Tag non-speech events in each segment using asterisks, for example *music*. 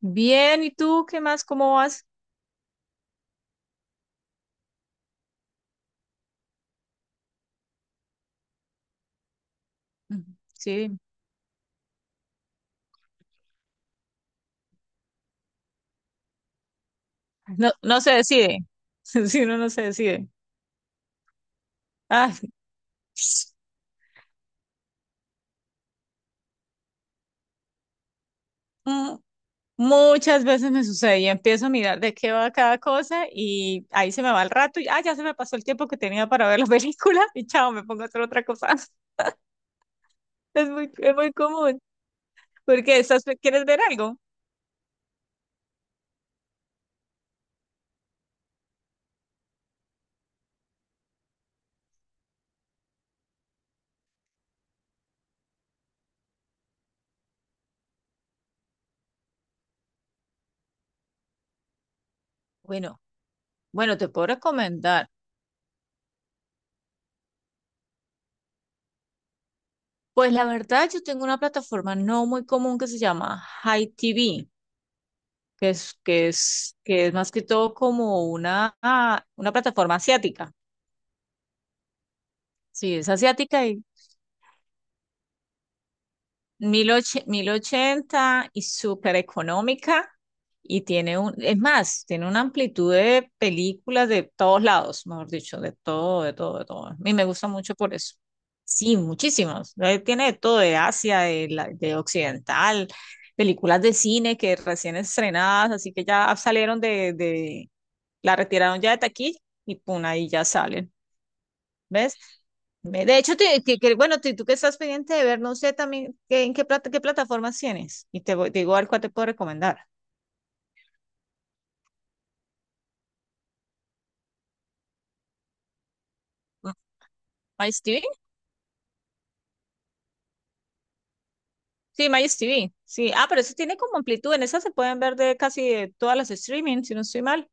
Bien, ¿y tú qué más? ¿Cómo vas? Ujú. Sí, no, no se decide. *laughs* Si uno no se decide. Ah, *sniffs* mm, Muchas veces me sucede y empiezo a mirar de qué va cada cosa y ahí se me va el rato y ya se me pasó el tiempo que tenía para ver la película. *laughs* Y chao, me pongo a hacer otra cosa. *laughs* Es muy común. Porque estás, ¿quieres ver algo? Bueno, bueno, te puedo recomendar. Pues la verdad, yo tengo una plataforma no muy común que se llama Hi TV, que es más que todo como una, una plataforma asiática. Sí, es asiática y 1080 y súper económica. Y tiene un, es más, tiene una amplitud de películas de todos lados, mejor dicho, de todo. A mí me gusta mucho por eso. Sí, muchísimas. Tiene de todo de Asia, de occidental, películas de cine que recién estrenadas, así que ya salieron la retiraron ya de taquilla y pum, ahí ya salen. ¿Ves? De hecho, bueno, tú que estás pendiente de ver, no sé también qué plataformas tienes. Y te digo al cual te puedo recomendar. MyTV. Sí, MyTV. Sí. Ah, pero eso tiene como amplitud. En esas se pueden ver de casi de todas las streaming, si no estoy mal.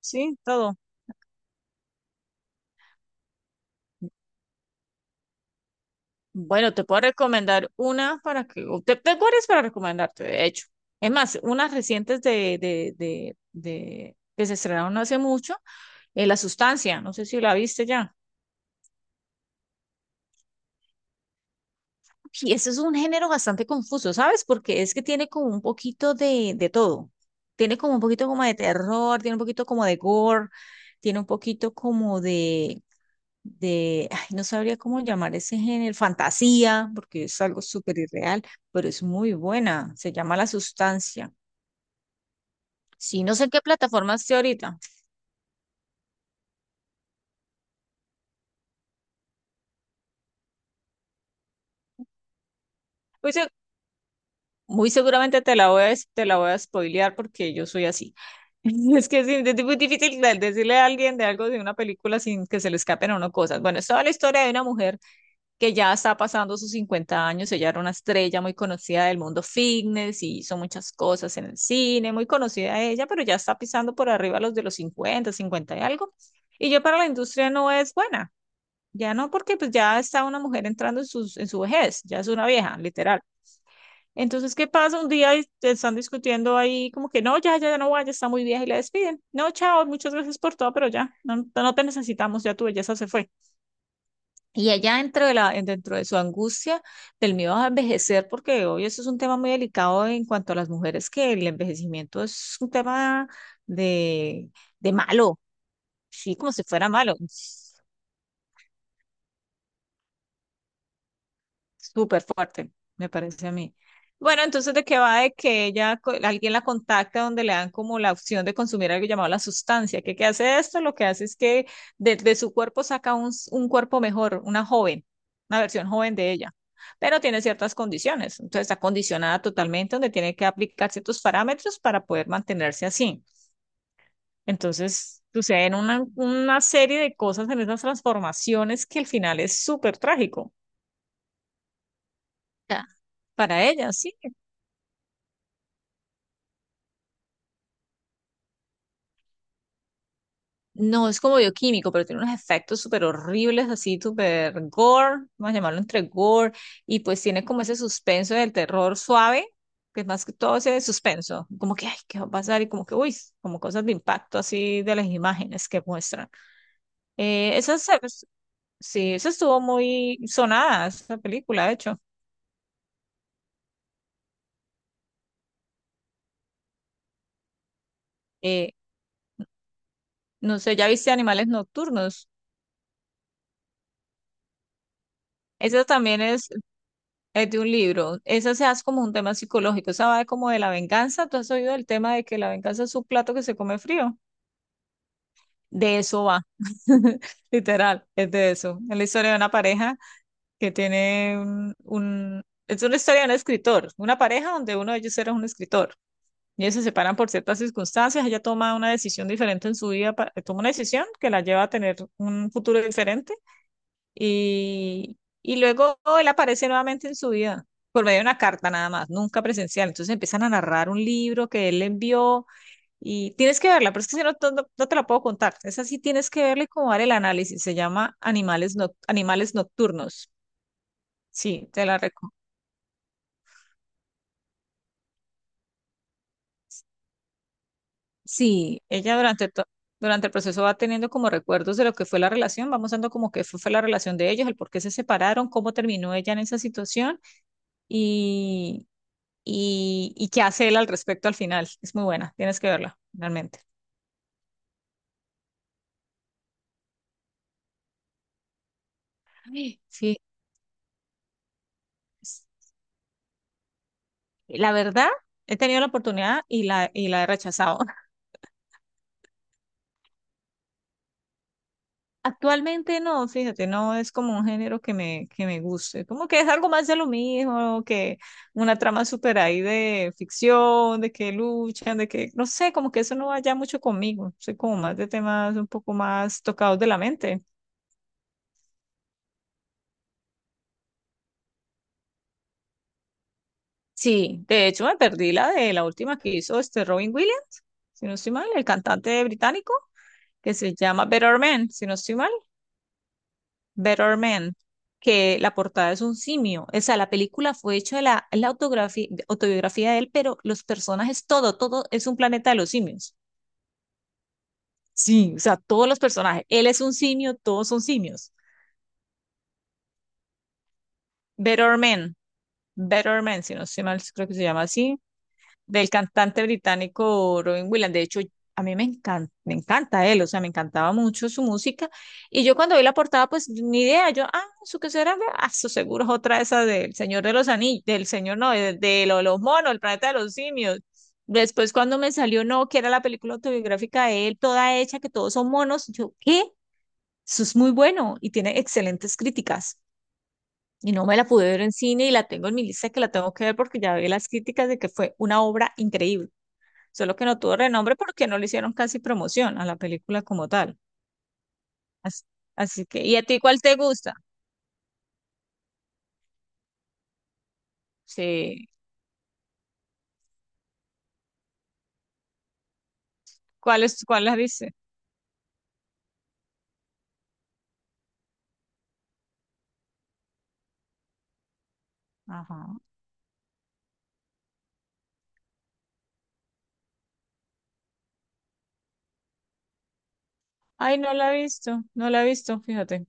Sí, todo. Bueno, te puedo recomendar una para que. Tengo varias para recomendarte, de hecho. Es más, unas recientes que se estrenaron no hace mucho. La Sustancia, no sé si la viste ya. Y ese es un género bastante confuso, ¿sabes? Porque es que tiene como un poquito de todo. Tiene como un poquito como de terror, tiene un poquito como de gore, tiene un poquito como ay, no sabría cómo llamar ese género, fantasía, porque es algo súper irreal, pero es muy buena. Se llama La Sustancia. Sí, no sé en qué plataforma esté ahorita. Pues muy seguramente te la voy a spoilear porque yo soy así. *laughs* Es que sí, es muy difícil decirle a alguien de algo de una película sin que se le escapen a uno cosas. Bueno, es toda la historia de una mujer que ya está pasando sus 50 años. Ella era una estrella muy conocida del mundo fitness y hizo muchas cosas en el cine, muy conocida ella, pero ya está pisando por arriba los de los cincuenta, 50 y algo. Y yo para la industria no es buena. Ya no, porque pues ya está una mujer entrando en su vejez, ya es una vieja, literal. Entonces, ¿qué pasa? Un día y te están discutiendo ahí como que no, ya no va, ya está muy vieja y la despiden. No, chao, muchas gracias por todo, pero ya, no, no te necesitamos, ya tu belleza se fue. Y ella dentro dentro de su angustia, del miedo a envejecer, porque hoy eso es un tema muy delicado en cuanto a las mujeres, que el envejecimiento es un tema de, de malo, sí, como si fuera malo. Súper fuerte, me parece a mí. Bueno, entonces, ¿de qué va? De que ella, alguien la contacta donde le dan como la opción de consumir algo llamado la sustancia. ¿Qué, qué hace esto? Lo que hace es que de su cuerpo saca un, un cuerpo mejor, una joven, una versión joven de ella, pero tiene ciertas condiciones. Entonces, está condicionada totalmente donde tiene que aplicar ciertos parámetros para poder mantenerse así. Entonces, suceden una serie de cosas en esas transformaciones que al final es súper trágico. Ya. Para ella, sí. No, es como bioquímico, pero tiene unos efectos súper horribles, así súper gore, vamos a llamarlo entre gore, y pues tiene como ese suspenso del terror suave, que es más que todo ese suspenso, como que, ay, ¿qué va a pasar? Y como que, uy, como cosas de impacto así de las imágenes que muestran. Eh, esa, se- sí, esa estuvo muy sonada, esa película, de hecho. Eh, no sé, ¿ya viste Animales Nocturnos? Esa también es. Es de un libro. Esa se hace como un tema psicológico. Esa va de como de la venganza. ¿Tú has oído el tema de que la venganza es un plato que se come frío? De eso va. *laughs* Literal, es de eso. Es la historia de una pareja que tiene es una historia de un escritor. Una pareja donde uno de ellos era un escritor. Y ellos se separan por ciertas circunstancias. Ella toma una decisión diferente en su vida. Toma una decisión que la lleva a tener un futuro diferente y luego él aparece nuevamente en su vida, por medio de una carta nada más, nunca presencial. Entonces empiezan a narrar un libro que él le envió y tienes que verla, pero es que si no, no no te la puedo contar. Esa sí tienes que verla y como dar el análisis. Se llama Animales Nocturnos. Sí, te la recomiendo. Sí, durante el proceso va teniendo como recuerdos de lo que fue la relación, vamos dando como que fue, fue la relación de ellos, el por qué se separaron, cómo terminó ella en esa situación y qué hace él al respecto al final. Es muy buena, tienes que verla, realmente. Ay, sí, es- la verdad, he tenido la oportunidad y la he rechazado. *laughs* Actualmente no, fíjate, no es como un género que me guste, como que es algo más de lo mismo, que una trama súper ahí de ficción, de que luchan, de que, no sé, como que eso no vaya mucho conmigo, soy como más de temas un poco más tocados de la mente. Sí, de hecho me perdí la de la última que hizo este Robin Williams, si no estoy mal, el cantante británico, que se llama Better Man, si no estoy mal, Better Man, que la portada es un simio. O sea, la película fue hecha de la autografía, autobiografía de él, pero los personajes, todo, todo es un planeta de los simios. Sí, o sea, todos los personajes. Él es un simio, todos son simios. Better Man, Better Man, si no estoy mal, creo que se llama así. Del cantante británico Robin Williams. De hecho, a mí me encanta él, o sea, me encantaba mucho su música. Y yo cuando vi la portada, pues ni idea, yo, ah, ¿eso qué será? Ah, eso seguro es otra esa del Señor de los Anillos, del Señor, no, los monos, el planeta de los simios. Después cuando me salió, no, que era la película autobiográfica de él, toda hecha, que todos son monos, yo, ¿qué? Eso es muy bueno y tiene excelentes críticas. Y no me la pude ver en cine y la tengo en mi lista que la tengo que ver porque ya vi las críticas de que fue una obra increíble, solo que no tuvo renombre porque no le hicieron casi promoción a la película como tal. Así, así que, ¿y a ti cuál te gusta? Sí, ¿cuál es, cuál la viste? Ajá. Ay, no la he visto, fíjate.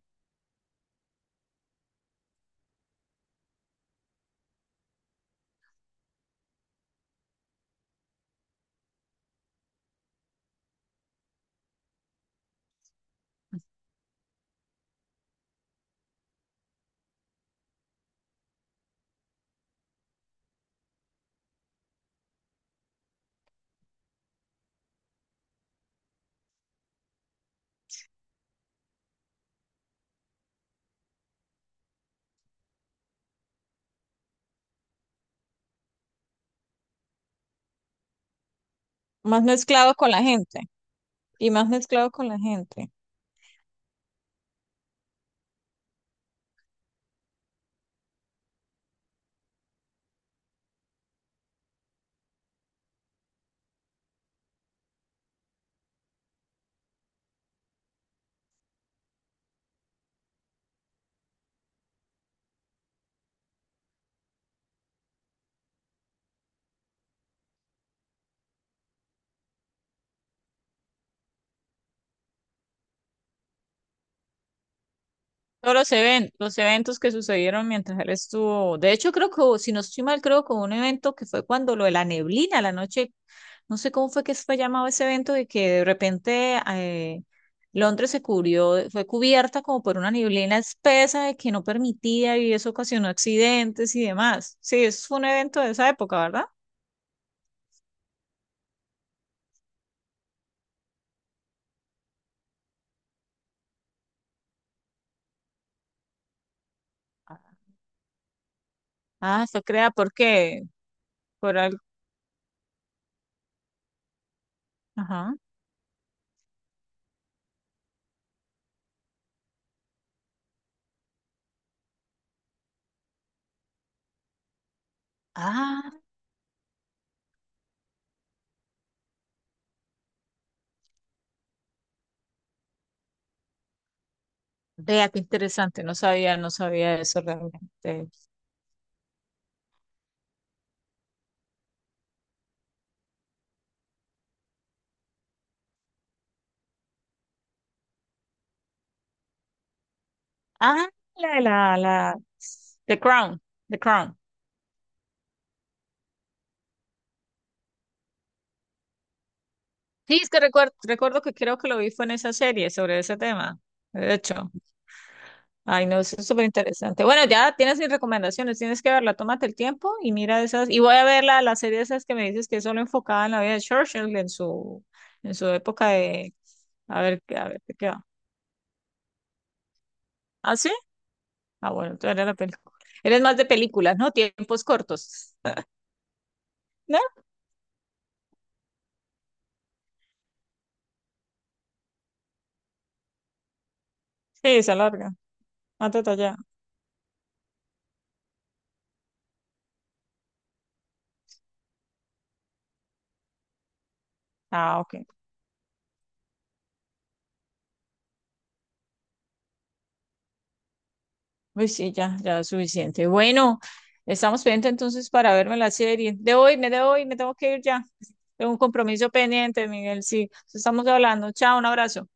Más mezclado con la gente, y más mezclado con la gente. Los eventos que sucedieron mientras él estuvo. De hecho, creo que, si no estoy mal, creo que hubo un evento que fue cuando lo de la neblina, la noche, no sé cómo fue que fue llamado ese evento, de que de repente Londres se cubrió, fue cubierta como por una neblina espesa de que no permitía y eso ocasionó accidentes y demás. Sí, es un evento de esa época, ¿verdad? Ah, fue creada porque, por algo. Ajá. Ah, vea qué interesante, no sabía, no sabía eso realmente. Ah, la de la, la, The Crown, The Crown. Sí, es que recuerdo, recuerdo que creo que lo vi fue en esa serie sobre ese tema. De hecho, ay, no, eso es súper interesante. Bueno, ya tienes mis recomendaciones, tienes que verla, tómate el tiempo y mira esas. Y voy a ver la serie esas que me dices que es solo enfocada en la vida de Churchill, en su época de. A ver, qué va. ¿Ah, sí? Ah, bueno, tú eres la película. Eres más de películas, ¿no? Tiempos cortos. *laughs* ¿No? Sí, se alarga. Más detallada. Ah, ok. Pues sí, ya, ya es suficiente. Bueno, estamos pendientes entonces para verme la serie. Debo irme, tengo que ir ya. Tengo un compromiso pendiente, Miguel. Sí, estamos hablando. Chao, un abrazo.